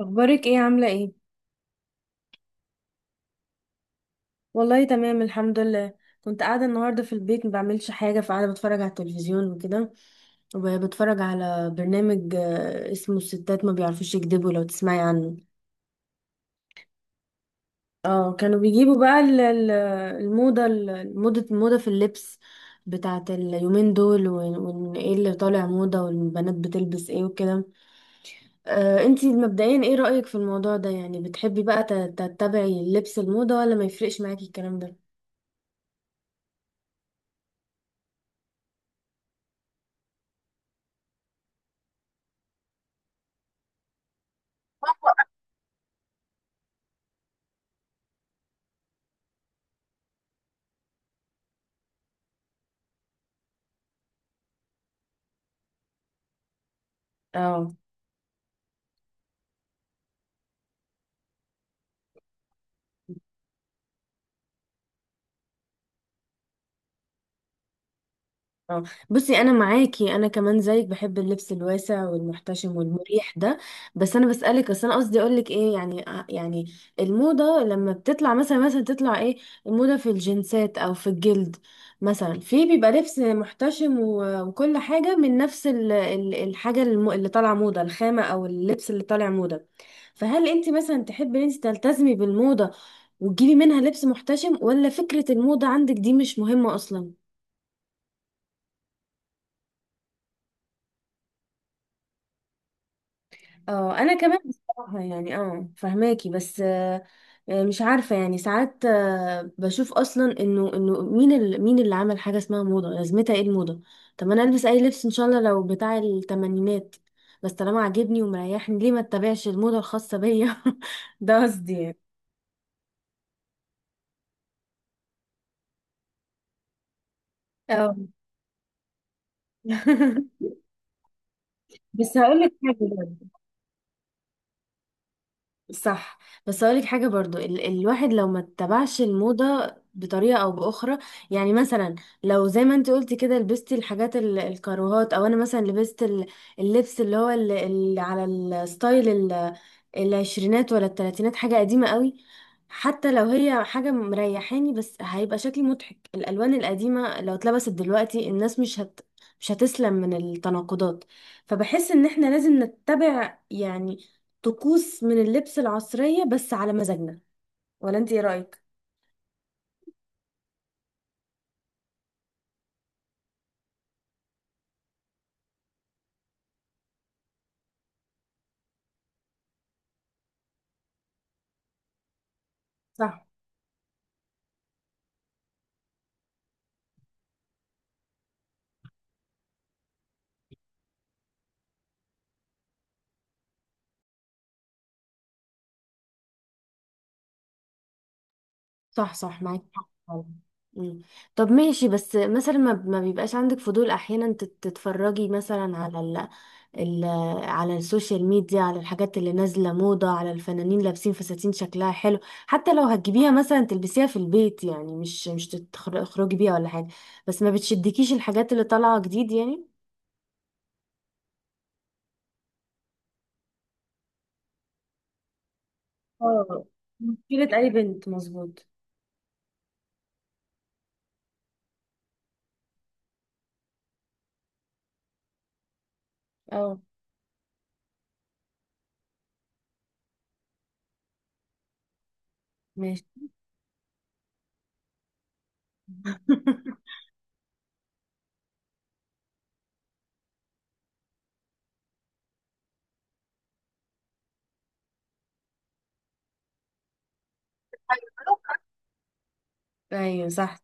اخبارك ايه؟ عامله ايه؟ والله تمام الحمد لله. كنت قاعده النهارده في البيت ما بعملش حاجه، فقاعده بتفرج على التلفزيون وكده. وبتفرج على برنامج اسمه الستات ما بيعرفوش يكذبوا، لو تسمعي عنه. اه، كانوا بيجيبوا بقى ال- ال- الموضه ال- موضه الموضه في اللبس بتاعت اليومين دول، وإن ايه اللي طالع موضه والبنات بتلبس ايه وكده. انتي مبدئيا ايه رأيك في الموضوع ده؟ يعني بتحبي بقى تتبعي لبس الموضه، ولا ما يفرقش معاكي الكلام ده؟ اه، اه. بصي، انا معاكي، انا كمان زيك بحب اللبس الواسع والمحتشم والمريح ده. بس انا بسالك، اصل انا قصدي اقول لك ايه، يعني يعني الموضه لما بتطلع، مثلا تطلع ايه، الموضه في الجنسات او في الجلد. مثلا في بيبقى لبس محتشم و- وكل حاجه من نفس اللي طالعه موضه، الخامه او اللبس اللي طالع موضه. فهل انت مثلا تحبي ان انت تلتزمي بالموضه وتجيبي منها لبس محتشم، ولا فكره الموضه عندك دي مش مهمه اصلا؟ اه، انا كمان بصراحه يعني فهماكي، بس مش عارفه، يعني ساعات بشوف اصلا انه مين مين اللي عمل حاجه اسمها موضه، لازمتها ايه الموضه؟ طب ما انا البس اي لبس، ان شاء الله لو بتاع التمانينات، بس طالما عاجبني ومريحني، ليه ما اتبعش الموضه الخاصه بيا؟ ده قصدي يعني. اه. بس هقول لك حاجه. صح. بس اقولك حاجه برضو، الواحد لو ما اتبعش الموضه بطريقه او باخرى، يعني مثلا لو زي ما انت قلتي كده لبستي الحاجات الكاروهات، او انا مثلا لبست اللبس اللي هو اللي على الستايل العشرينات ولا التلاتينات، حاجه قديمه قوي. حتى لو هي حاجه مريحاني، بس هيبقى شكلي مضحك. الالوان القديمه لو اتلبست دلوقتي، الناس مش هتسلم من التناقضات. فبحس ان احنا لازم نتبع يعني طقوس من اللبس العصرية بس على مزاجنا، ولا انت ايه رأيك؟ صح، صح، صح، معاك حق فعلا. مم. طب ماشي، بس مثلا ما بيبقاش عندك فضول احيانا تتفرجي مثلا على ال... على السوشيال ميديا، على الحاجات اللي نازلة موضة، على الفنانين لابسين فساتين شكلها حلو؟ حتى لو هتجيبيها مثلا تلبسيها في البيت يعني، مش تخرجي بيها ولا حاجة. بس ما بتشدكيش الحاجات اللي طالعة جديد يعني؟ اه. مشكلة أي بنت، مظبوط. اه، ماشي. ايوه، صح.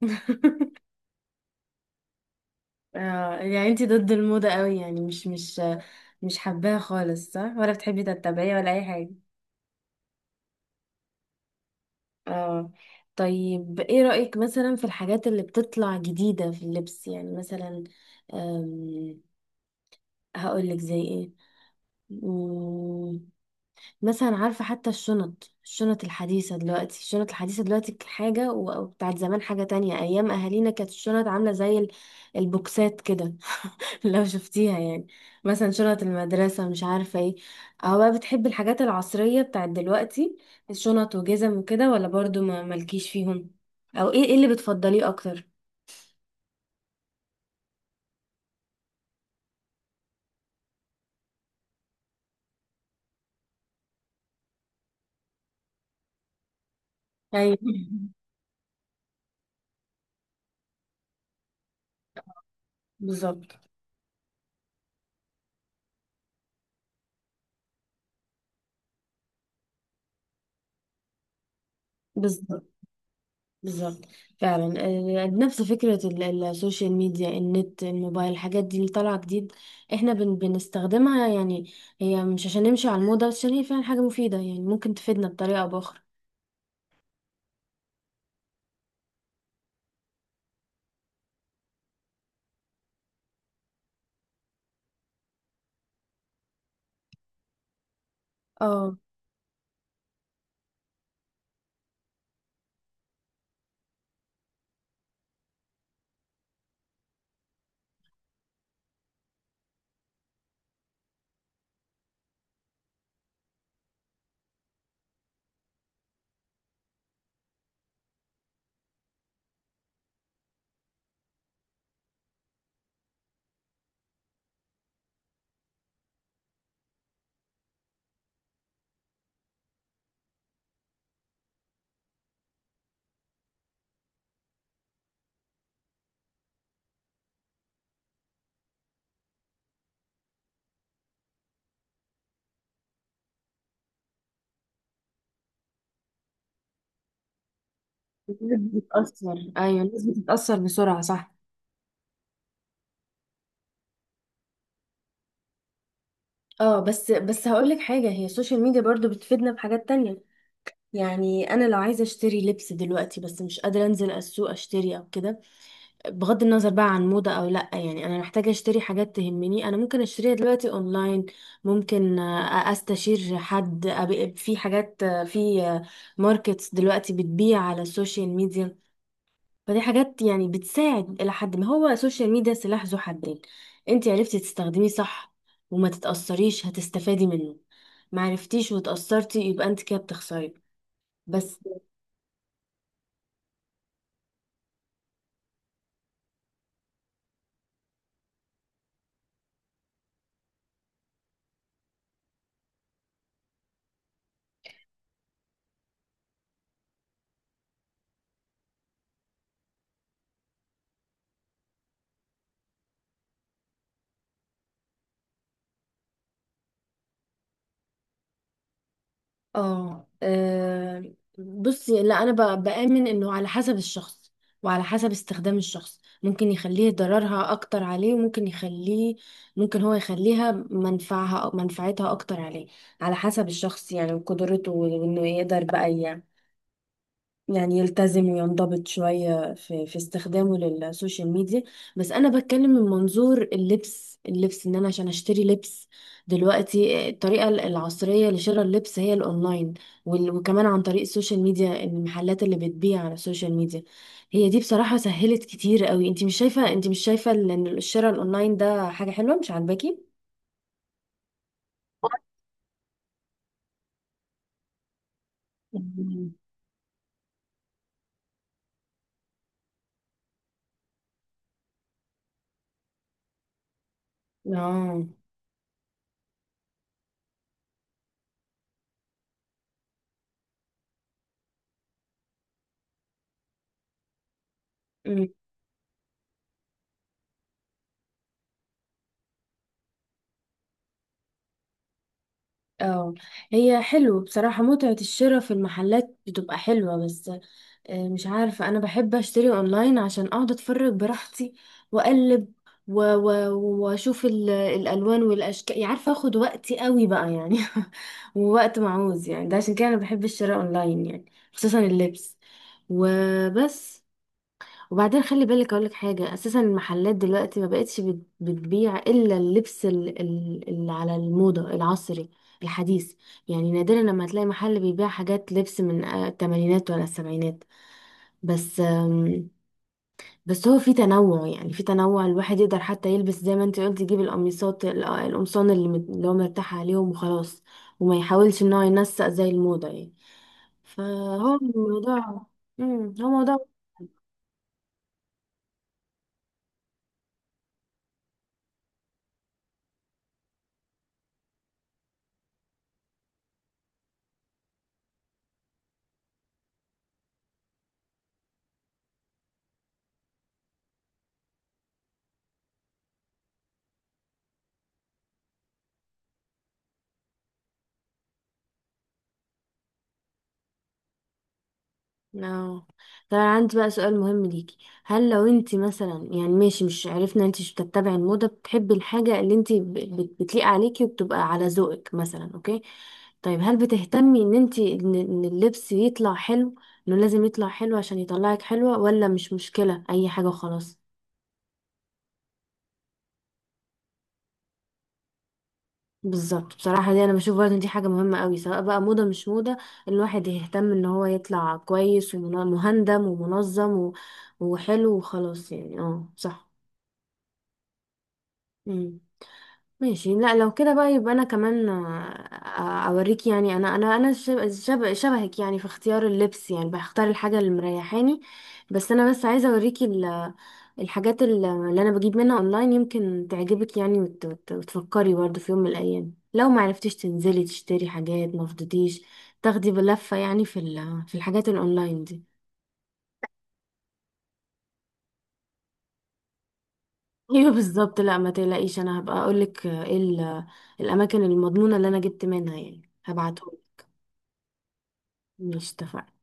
يعني انتي ضد الموضة قوي يعني، مش حباها خالص صح، ولا بتحبي تتبعيها ولا اي حاجة؟ اه. طيب ايه رأيك مثلا في الحاجات اللي بتطلع جديدة في اللبس، يعني مثلا أم... هقولك زي ايه. مم، مثلا عارفة، حتى الشنط الحديثة دلوقتي، الشنط الحديثة دلوقتي حاجة، و- وبتاعت زمان حاجة تانية. أيام أهالينا كانت الشنط عاملة زي البوكسات كده، لو شفتيها يعني، مثلا شنط المدرسة مش عارفة ايه. او بقى بتحب الحاجات العصرية بتاعت دلوقتي، الشنط وجزم وكده، ولا برضو ما مالكيش فيهم؟ او ايه اللي بتفضليه اكتر؟ ايوه. بالظبط. بالظبط. بالظبط فعلا. نفس فكرة السوشيال ميديا، النت، الموبايل، الحاجات دي اللي طالعة جديد، احنا بنستخدمها يعني. هي مش عشان نمشي على الموضة، بس عشان هي فعلا حاجة مفيدة، يعني ممكن تفيدنا بطريقة او باخرى. اه. الناس بتتأثر، أيوة. الناس بتتأثر بسرعة، صح. اه. بس هقولك حاجة، هي السوشيال ميديا برضو بتفيدنا بحاجات تانية. يعني انا لو عايزة اشتري لبس دلوقتي، بس مش قادرة انزل السوق اشتري او كده، بغض النظر بقى عن موضة او لا، يعني انا محتاجة اشتري حاجات تهمني، انا ممكن اشتريها دلوقتي اونلاين. ممكن استشير حد، في حاجات، في ماركتس دلوقتي بتبيع على السوشيال ميديا. فدي حاجات يعني بتساعد إلى حد ما. هو السوشيال ميديا سلاح ذو حدين، انت عرفتي تستخدميه صح وما تتأثريش، هتستفادي منه. ما عرفتيش وتأثرتي، يبقى انت كده بتخسري بس. اه. بصي، لا انا بآمن انه على حسب الشخص، وعلى حسب استخدام الشخص، ممكن يخليه ضررها اكتر عليه، وممكن يخليه ممكن هو يخليها منفعتها اكتر عليه. على حسب الشخص يعني، وقدرته، وانه يقدر بقى يعني يلتزم وينضبط شوية في استخدامه للسوشيال ميديا. بس أنا بتكلم من منظور اللبس، اللبس إن أنا عشان أشتري لبس دلوقتي، الطريقة العصرية لشراء اللبس هي الأونلاين، وكمان عن طريق السوشيال ميديا، المحلات اللي بتبيع على السوشيال ميديا. هي دي بصراحة سهلت كتير قوي. انت مش شايفة إن الشراء الأونلاين ده حاجة حلوة مش عاجباكي؟ مم. اه. أمم، اه، هي حلو بصراحة، متعة الشراء في المحلات بتبقى حلوة، بس مش عارفة، أنا بحب أشتري أونلاين عشان أقعد أتفرج براحتي، وأقلب، و- و- وأشوف الألوان والأشكال، يعني عارفة أخد وقتي قوي بقى يعني، ووقت معوز يعني، ده عشان كده أنا بحب الشراء أونلاين يعني، خصوصا اللبس وبس. وبعدين خلي بالك، أقولك حاجة، أساسا المحلات دلوقتي ما بقتش بتبيع إلا اللبس اللي على الموضة العصري الحديث. يعني نادرا لما تلاقي محل بيبيع حاجات لبس من التمانينات ولا السبعينات. بس بس هو في تنوع، يعني في تنوع الواحد يقدر حتى يلبس زي ما انت قلت، يجيب القمصان اللي اللي هو مرتاح عليهم وخلاص، وما يحاولش ان هو ينسق زي الموضة يعني. فهو الموضوع. هو موضوع. اه. طب انا عندي بقى سؤال مهم ليكي. هل لو انت مثلا، يعني ماشي، مش عرفنا انت مش بتتبعي الموضة، بتحبي الحاجة اللي انت بتليق عليكي وبتبقى على ذوقك مثلا، اوكي. طيب هل بتهتمي ان انت إن اللبس يطلع حلو، انه لازم يطلع حلو عشان يطلعك حلوة، ولا مش مشكلة اي حاجة خلاص؟ بالظبط. بصراحة دي انا بشوف برضه إن دي حاجة مهمة قوي، سواء بقى موضة مش موضة، الواحد يهتم ان هو يطلع كويس ومهندم ومنظم و- وحلو وخلاص يعني، اه صح. مم. ماشي. لا لو كده بقى يبقى انا كمان اوريك يعني، انا شبهك يعني في اختيار اللبس، يعني بختار الحاجه اللي مريحاني. بس انا بس عايزه اوريكي الحاجات اللي انا بجيب منها اونلاين، يمكن تعجبك يعني، وتفكري برضه في يوم من الايام لو ما عرفتيش تنزلي تشتري حاجات ما فضيتيش، تاخدي بلفه يعني في في الحاجات الاونلاين دي. ايوه، بالظبط. لا ما تقلقيش، انا هبقى اقولك ايه الاماكن المضمونه اللي انا جبت منها، يعني هبعتهم. مش اتفقنا.